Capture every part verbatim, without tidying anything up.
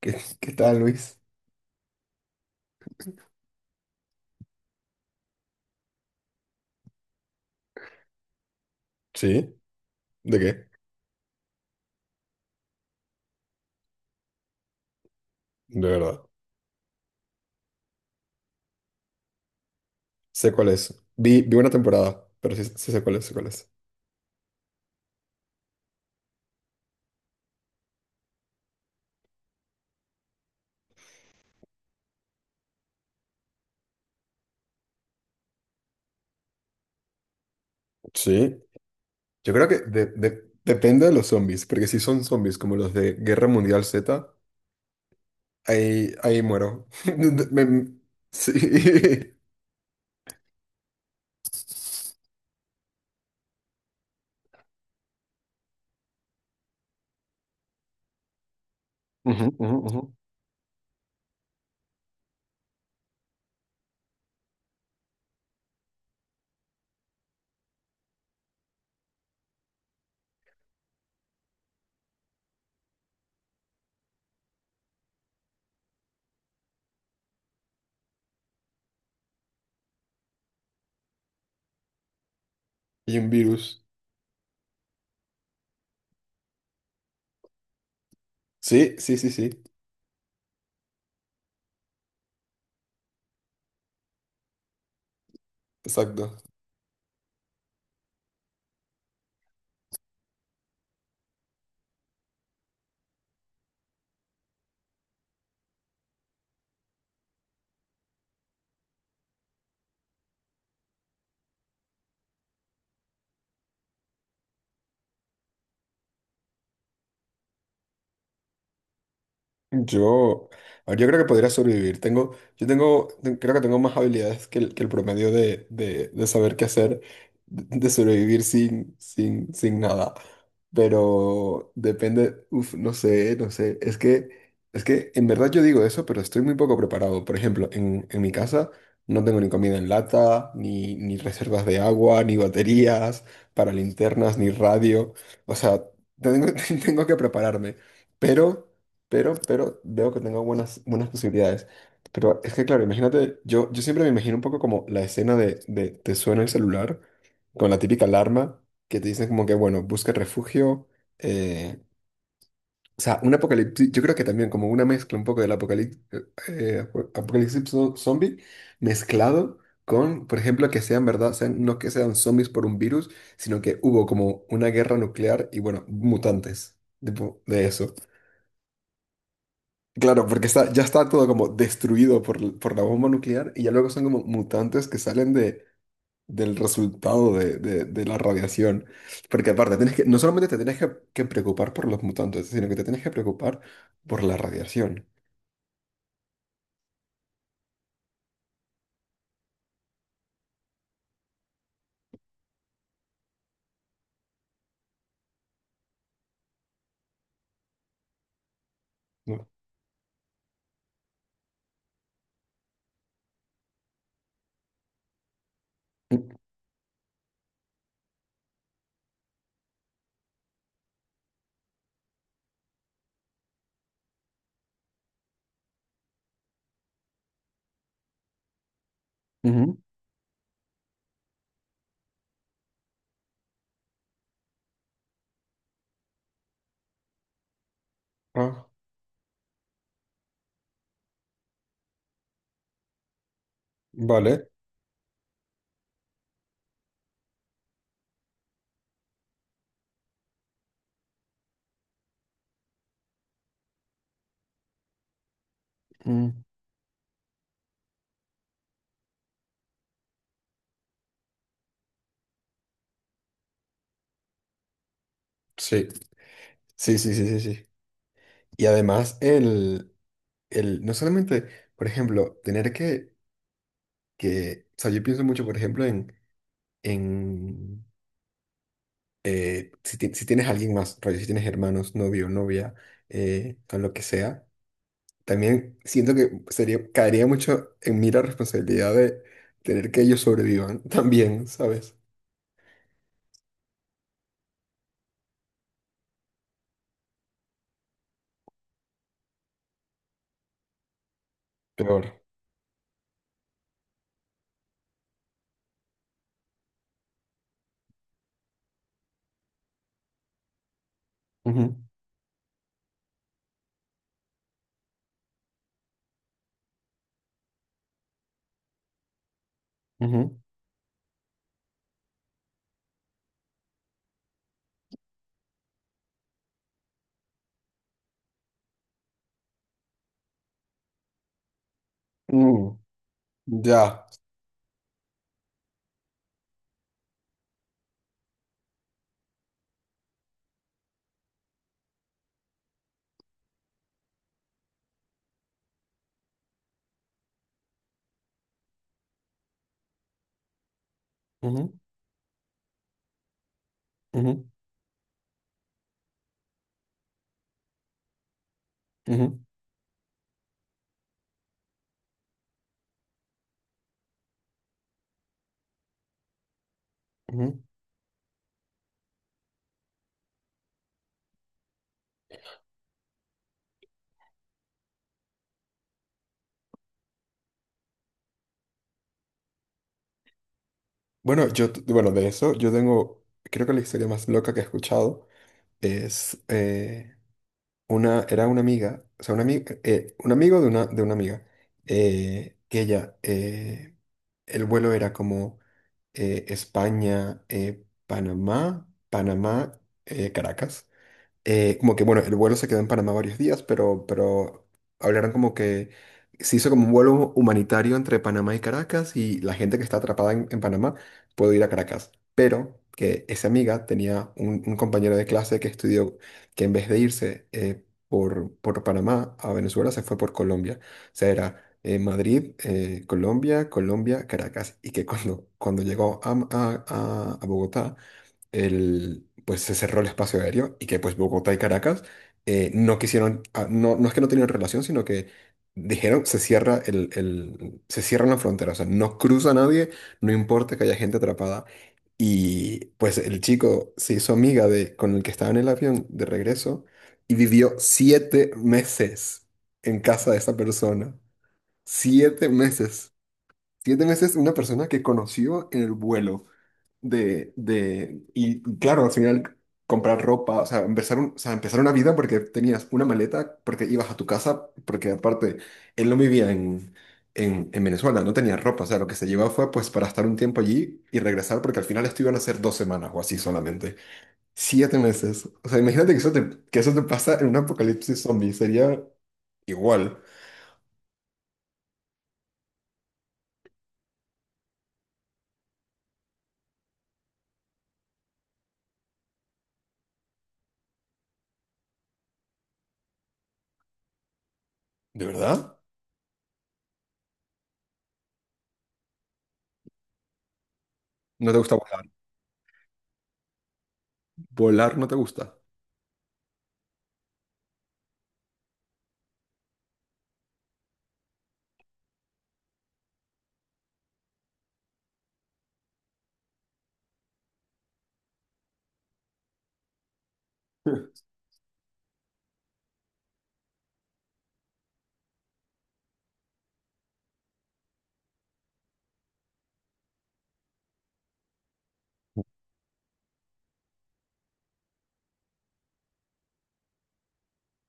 ¿Qué, qué tal, Luis? ¿Sí? ¿De qué? De verdad. Sé cuál es. Vi, vi una temporada, pero sí, sí sé cuál es, sé cuál es. Sí. Yo creo que de- de- depende de los zombies, porque si son zombies como los de Guerra Mundial Z, ahí, ahí muero. Me- sí. Ujú, ujú, ujú. Y un virus. Sí, sí, sí, sí. Exacto. Yo, a ver, yo creo que podría sobrevivir. Tengo, yo tengo, ten- creo que tengo más habilidades que el, que el promedio de, de, de saber qué hacer, de de sobrevivir sin, sin, sin nada. Pero depende, uf, no sé, no sé. Es que, es que en verdad yo digo eso, pero estoy muy poco preparado. Por ejemplo, en, en mi casa no tengo ni comida en lata, ni, ni reservas de agua, ni baterías para linternas, ni radio. O sea, tengo, tengo que prepararme. Pero pero, pero veo que tengo buenas, buenas posibilidades. Pero es que, claro, imagínate, yo, yo siempre me imagino un poco como la escena de, de te suena el celular con la típica alarma que te dicen como que, bueno, busca refugio. eh, o sea, un apocalipsis, yo creo que también como una mezcla un poco del apocalipsis, apocalipsis zo- zombie mezclado con, por ejemplo, que sean verdad, sean, no que sean zombies por un virus, sino que hubo como una guerra nuclear y, bueno, mutantes, tipo, de eso. Claro, porque está, ya está todo como destruido por, l- por la bomba nuclear y ya luego son como mutantes que salen de, del resultado de, de- de la radiación. Porque aparte, tienes que, no solamente te tienes que, que preocupar por los mutantes, sino que te tienes que preocupar por la radiación. ¿No? Mm, ujú. Ah, vale. Mm, sí. Sí, sí, sí, sí, sí. Y además, el, el, no solamente, por ejemplo, tener que, que, o sea, yo pienso mucho, por ejemplo, en... en eh, si, ti- si tienes alguien más, rollo, si tienes hermanos, novio, novia, eh, o lo que sea, también siento que sería, caería mucho en mí la responsabilidad de tener que ellos sobrevivan también, ¿sabes? Peor. Ujú, ujú. Mm, ya. Ujú, ujú, ujú, ujú. Bueno, yo, t- bueno, de eso, yo tengo, creo que la historia más loca que he escuchado es, eh, una, era una amiga, o sea, una ami- eh, un amigo de una, de una amiga, eh, que ella, eh, el vuelo era como eh, España, eh, Panamá, Panamá, eh, Caracas eh, como que, bueno, el vuelo se quedó en Panamá varios días, pero, pero hablaron como que se hizo como un vuelo humanitario entre Panamá y Caracas y la gente que está atrapada en, en Panamá puede ir a Caracas. Pero que esa amiga tenía un, un compañero de clase que estudió que en vez de irse eh, por, por Panamá a Venezuela se fue por Colombia. O sea, era eh, Madrid, eh, Colombia, Colombia, Caracas. Y que cuando, cuando llegó a, a a- a Bogotá el, pues se cerró el espacio aéreo y que pues Bogotá y Caracas eh, no quisieron, ah, no, no es que no tenían relación, sino que dijeron se cierra el, el- se cierra la frontera, o sea, no cruza nadie, no importa que haya gente atrapada. Y pues el chico se hizo amiga de, con el que estaba en el avión de regreso y vivió siete meses en casa de esa persona. Siete meses. Siete meses una persona que conoció en el vuelo de, de, y claro, al final comprar ropa, o sea, empezar, un- o sea, empezar una vida porque tenías una maleta, porque ibas a tu casa, porque aparte él no vivía en, en, en Venezuela, no tenía ropa, o sea, lo que se llevaba fue pues para estar un tiempo allí y regresar, porque al final esto iban a ser dos semanas o así solamente. Siete meses. O sea, imagínate que eso te, que eso te pasa en un apocalipsis zombie, sería igual. ¿De verdad? ¿No te gusta volar? ¿Volar no te gusta?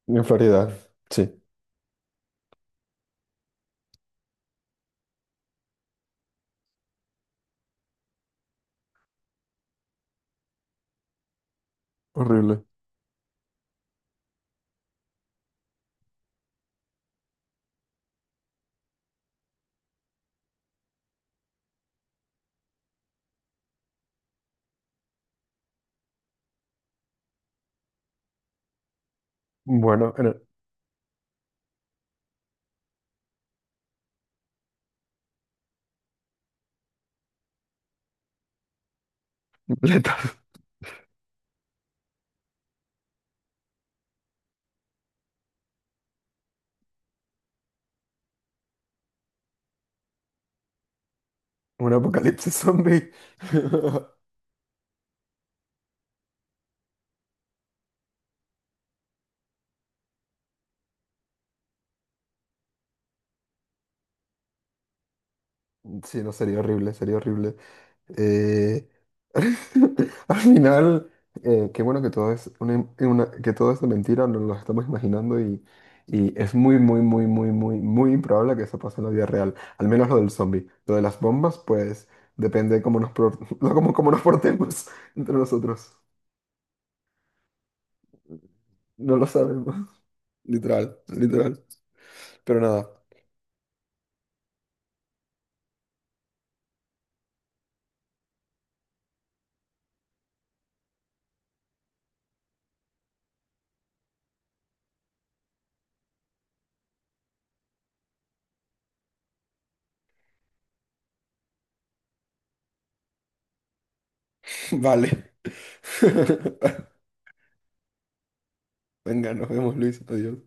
En Florida, sí. Horrible. Bueno, en el- letal. Un apocalipsis zombie. Sí, no, sería horrible, sería horrible. Eh, Al final, eh, qué bueno que todo es una, una- que todo es de mentira, nos lo estamos imaginando y, y es muy, muy, muy, muy, muy, muy improbable que eso pase en la vida real. Al menos lo del zombie. Lo de las bombas, pues depende de cómo nos, por- cómo, cómo nos portemos entre nosotros. No lo sabemos. Literal, literal. Pero nada, vale. Venga, nos vemos, Luis. Adiós.